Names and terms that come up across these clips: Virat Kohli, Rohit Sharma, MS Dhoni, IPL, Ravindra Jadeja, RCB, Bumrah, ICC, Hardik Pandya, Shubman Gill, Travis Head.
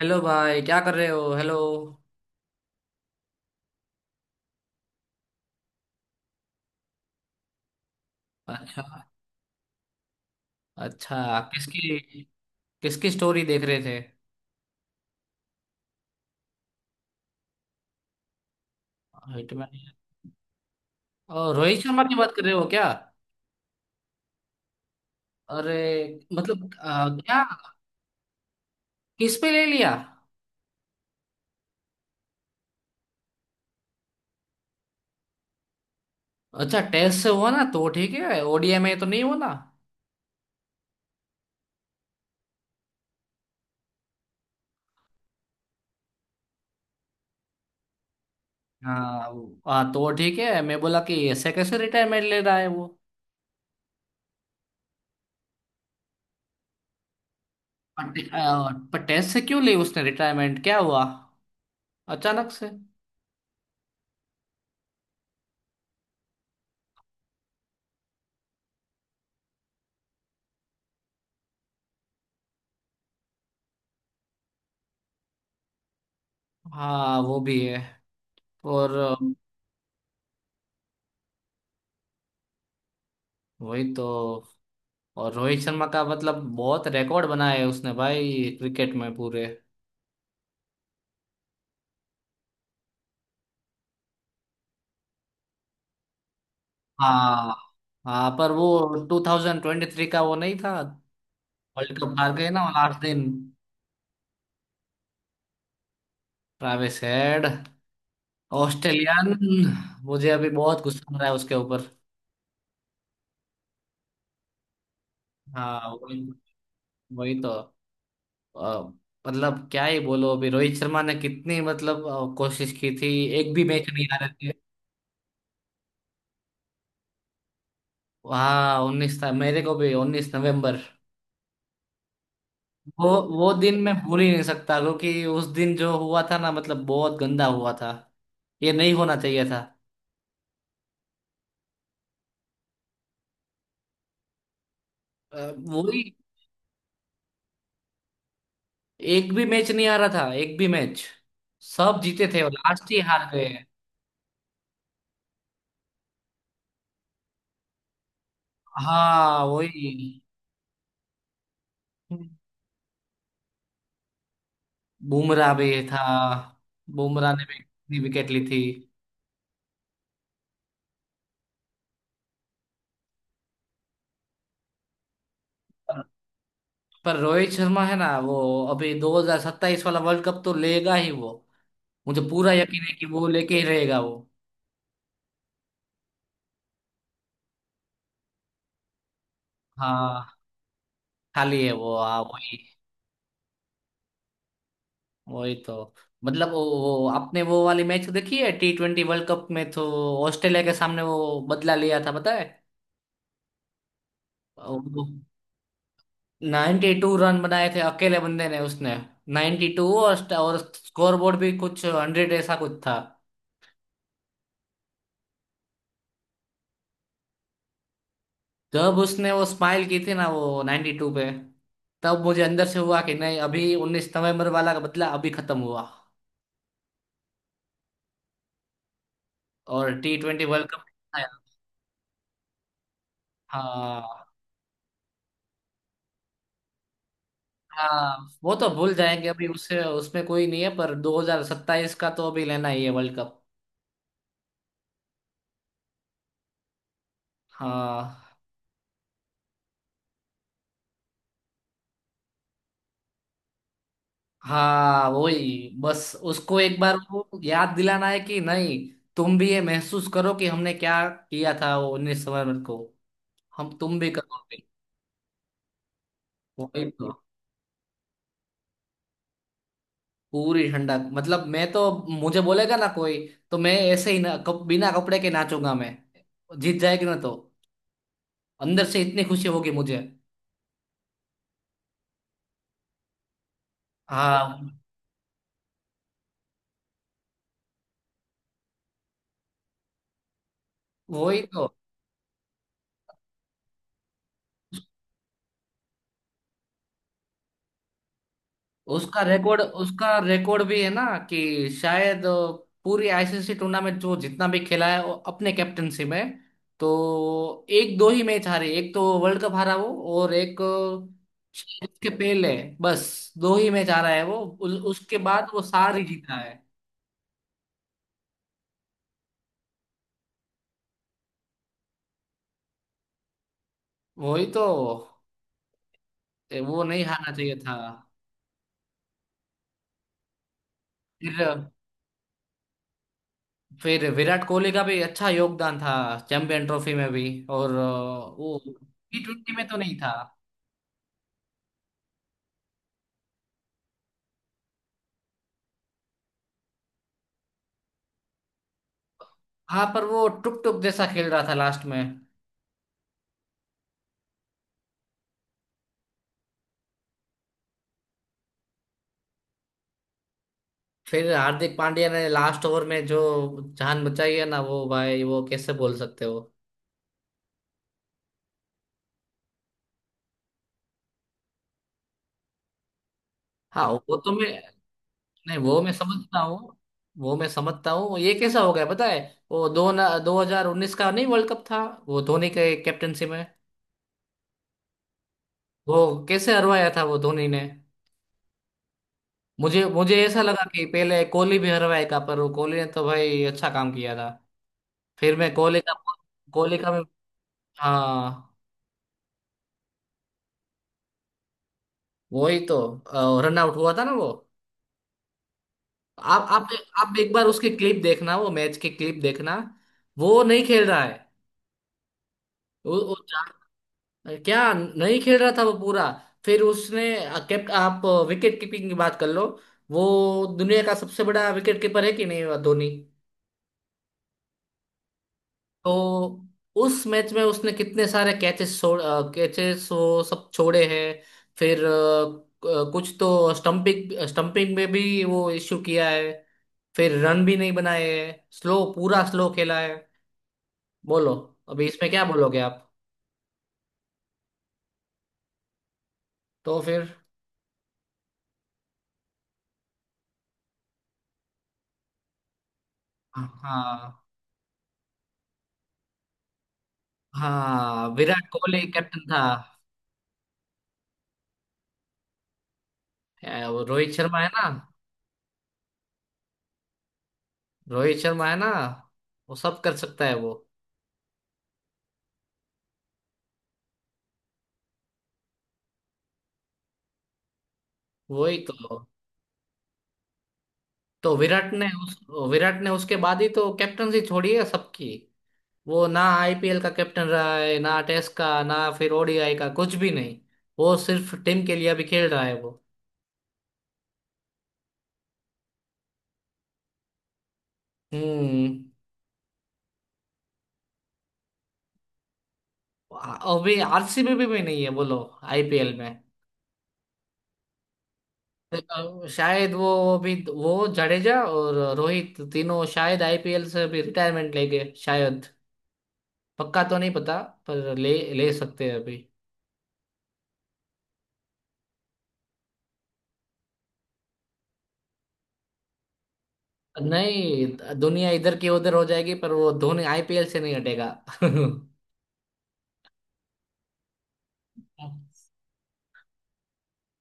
Hello भाई क्या कर रहे हो हेलो। अच्छा। अच्छा किसकी किसकी स्टोरी देख रहे थे? हिटमैन और रोहित शर्मा की बात कर रहे हो क्या? अरे मतलब क्या? किस पे ले लिया? अच्छा टेस्ट से हुआ ना तो ठीक है। ओडीआई में तो नहीं हुआ ना? हाँ हाँ, तो ठीक है मैं बोला कि ऐसे कैसे रिटायरमेंट ले रहा है वो। पर टेस्ट से क्यों ली उसने रिटायरमेंट? क्या हुआ अचानक से? हाँ वो भी है। और वही तो। और रोहित शर्मा का मतलब बहुत रिकॉर्ड बनाया है उसने भाई क्रिकेट में पूरे। हाँ। हाँ पर वो 2023 का वो नहीं था, वर्ल्ड कप हार गए ना लास्ट दिन। Travis Head, Australian. मुझे अभी बहुत गुस्सा हो रहा है उसके ऊपर। हाँ वही। वही तो अ, मतलब क्या ही बोलो, अभी रोहित शर्मा ने कितनी मतलब कोशिश की थी। एक भी मैच नहीं हारे थे। हाँ उन्नीस था, मेरे को भी उन्नीस नवंबर। वो वो दिन मैं भूल ही नहीं सकता, क्योंकि उस दिन जो हुआ था ना मतलब बहुत गंदा हुआ था। ये नहीं होना चाहिए था। अ, वही। एक भी मैच नहीं आ रहा था, एक भी मैच। सब जीते थे और लास्ट ही हार गए। हाँ वही। बुमराह भी था, बुमराह ने भी इतनी विकेट ली थी। पर पर रोहित शर्मा है ना वो, अभी 2027 वाला वर्ल्ड कप तो लेगा ही वो। मुझे पूरा यकीन है कि वो लेके ही रहेगा वो। हाँ खाली है वो, हाँ वही। वही तो। मतलब वो आपने वो वाली मैच देखी है टी ट्वेंटी वर्ल्ड कप में तो? ऑस्ट्रेलिया के सामने वो बदला लिया था पता है। नाइन्टी टू रन बनाए थे अकेले बंदे ने उसने। नाइन्टी टू और स्कोर बोर्ड भी कुछ हंड्रेड ऐसा कुछ था। जब उसने वो स्माइल की थी ना वो नाइन्टी टू पे, तब मुझे अंदर से हुआ कि नहीं, अभी उन्नीस नवंबर वाला का बदला अभी खत्म हुआ। और टी ट्वेंटी वर्ल्ड कप आया। हाँ। हाँ वो तो भूल जाएंगे, अभी उससे उसमें कोई नहीं है, पर 2027 का तो अभी लेना ही है वर्ल्ड कप। हाँ हाँ वही बस। उसको एक बार वो याद दिलाना है कि नहीं तुम भी ये महसूस करो कि हमने क्या किया था वो उन्नीस नवंबर को। हम तुम भी करोगे। वही तो। पूरी ठंडक, मतलब मैं तो, मुझे बोलेगा ना कोई तो मैं ऐसे ही ना बिना कपड़े के नाचूंगा मैं। जीत जाएगी ना तो अंदर से इतनी खुशी होगी मुझे। हाँ वही तो। उसका रिकॉर्ड भी है ना कि शायद पूरी आईसीसी टूर्नामेंट जो जितना भी खेला है वो अपने कैप्टनसी में, तो एक दो ही मैच हारे, एक तो वर्ल्ड कप हारा वो और एक शायद उसके पहले, बस दो ही मैच हारा है वो। उसके बाद वो सारी जीता है। वही तो। वो नहीं हारना चाहिए था। फिर फिर विराट कोहली का भी अच्छा योगदान था चैंपियन ट्रॉफी में भी। और वो टी ट्वेंटी में तो नहीं था। हाँ पर वो टुक टुक जैसा खेल रहा था लास्ट में। फिर हार्दिक पांड्या ने लास्ट ओवर में जो जान बचाई है ना वो भाई, वो कैसे बोल सकते हो? हाँ वो तो मैं, नहीं वो मैं समझता हूँ। वो मैं समझता हूँ ये कैसा हो गया पता है? वो दो हजार उन्नीस का नहीं वर्ल्ड कप था वो धोनी के कैप्टनसी में? वो कैसे हरवाया था वो धोनी ने। मुझे मुझे ऐसा लगा कि पहले कोहली भी हरवाएगा, पर वो कोहली ने तो भाई अच्छा काम किया था। फिर मैं कोहली का, कोहली का मैं, हाँ वही तो। रन आउट हुआ था ना वो। आप आप एक बार उसके क्लिप देखना, वो मैच के क्लिप देखना। वो नहीं खेल रहा है वो, क्या नहीं खेल रहा था वो पूरा। फिर उसने कैप, आप विकेट कीपिंग की बात कर लो, वो दुनिया का सबसे बड़ा विकेट कीपर है कि नहीं वो धोनी? तो उस मैच में उसने कितने सारे कैचेस छोड़, कैचेस वो सब छोड़े हैं। फिर कुछ तो स्टंपिंग, स्टंपिंग में भी वो इश्यू किया है। फिर रन भी नहीं बनाए है, स्लो पूरा स्लो खेला है। बोलो, अभी इसमें क्या बोलोगे आप? तो फिर हाँ। हाँ विराट कोहली कैप्टन था। वो रोहित शर्मा है ना, रोहित शर्मा है ना, वो सब कर सकता है वो। वही तो। तो विराट ने उस विराट ने उसके बाद ही तो कैप्टनसी छोड़ी है सबकी। वो ना आईपीएल का कैप्टन रहा है ना टेस्ट का ना फिर ओडीआई का, कुछ भी नहीं। वो सिर्फ टीम के लिए अभी खेल रहा है वो। हम्म। अभी आरसीबी भी नहीं है बोलो आईपीएल में। अ, शायद वो अभी वो जडेजा और रोहित तीनों शायद आईपीएल से अभी रिटायरमेंट लेंगे शायद, पक्का तो नहीं पता, पर ले ले सकते हैं अभी। नहीं दुनिया इधर की उधर हो जाएगी पर वो धोनी आईपीएल से नहीं हटेगा।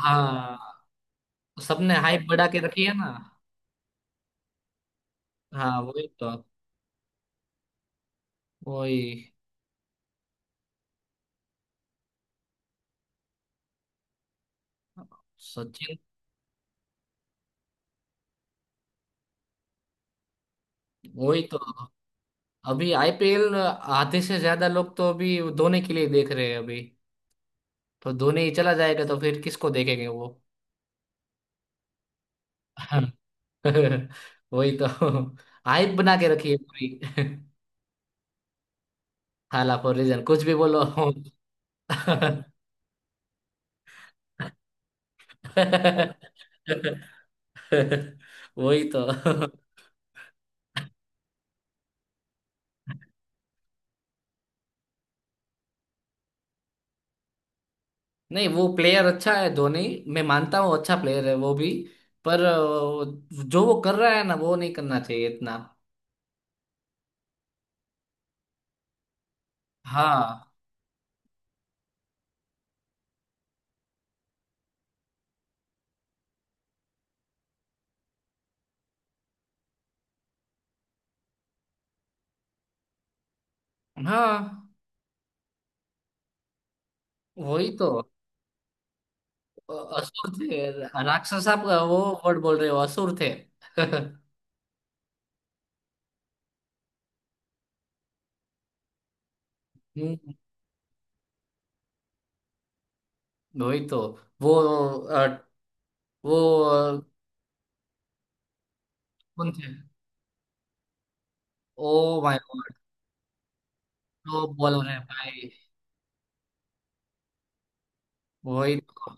हाँ। सबने हाइप बढ़ा के रखी है ना। हाँ वही तो, वही। सचिन। वही तो, अभी आईपीएल आधे से ज्यादा लोग तो अभी धोनी के लिए देख रहे हैं अभी। तो धोनी ही चला जाएगा तो फिर किसको देखेंगे वो। वही तो। हाइप बना के रखी है पूरी। हाला फॉर रीजन, कुछ भी बोलो। वही तो। नहीं वो प्लेयर अच्छा है धोनी, मैं मानता हूँ अच्छा प्लेयर है वो भी। पर जो वो कर रहा है ना वो नहीं करना चाहिए इतना। हाँ। हाँ वही तो असुर थे। राक्षस आप वो वर्ड बोल रहे हो, असुर थे। हम्म, वही तो। वो अ, वो अ, कौन थे? Oh my god. तो बोल रहे हैं भाई। वही तो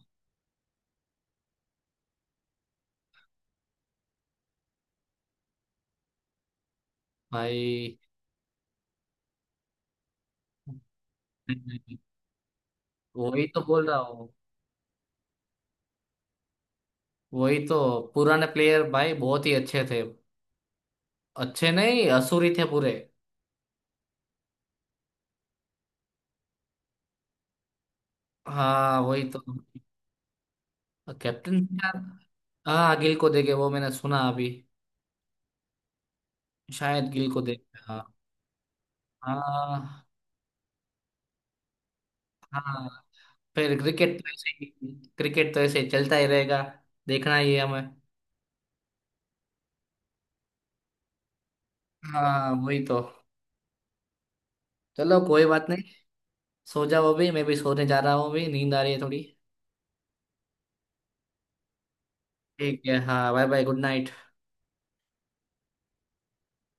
भाई। वही तो बोल रहा हूँ। वही तो, पुराने प्लेयर भाई बहुत ही अच्छे थे, अच्छे नहीं असुर ही थे पूरे। हाँ वही तो। कैप्टन, हाँ गिल को देंगे, वो मैंने सुना अभी, शायद गिल को देंगे। हाँ। हाँ। हाँ फिर क्रिकेट तो ऐसे ही, क्रिकेट तो ऐसे ही चलता ही रहेगा, देखना ही है हमें। हाँ वही तो, चलो कोई बात नहीं। सो जाओ, अभी मैं भी सोने जा रहा हूँ, अभी नींद आ रही है थोड़ी। ठीक है हाँ, बाय बाय, गुड नाइट।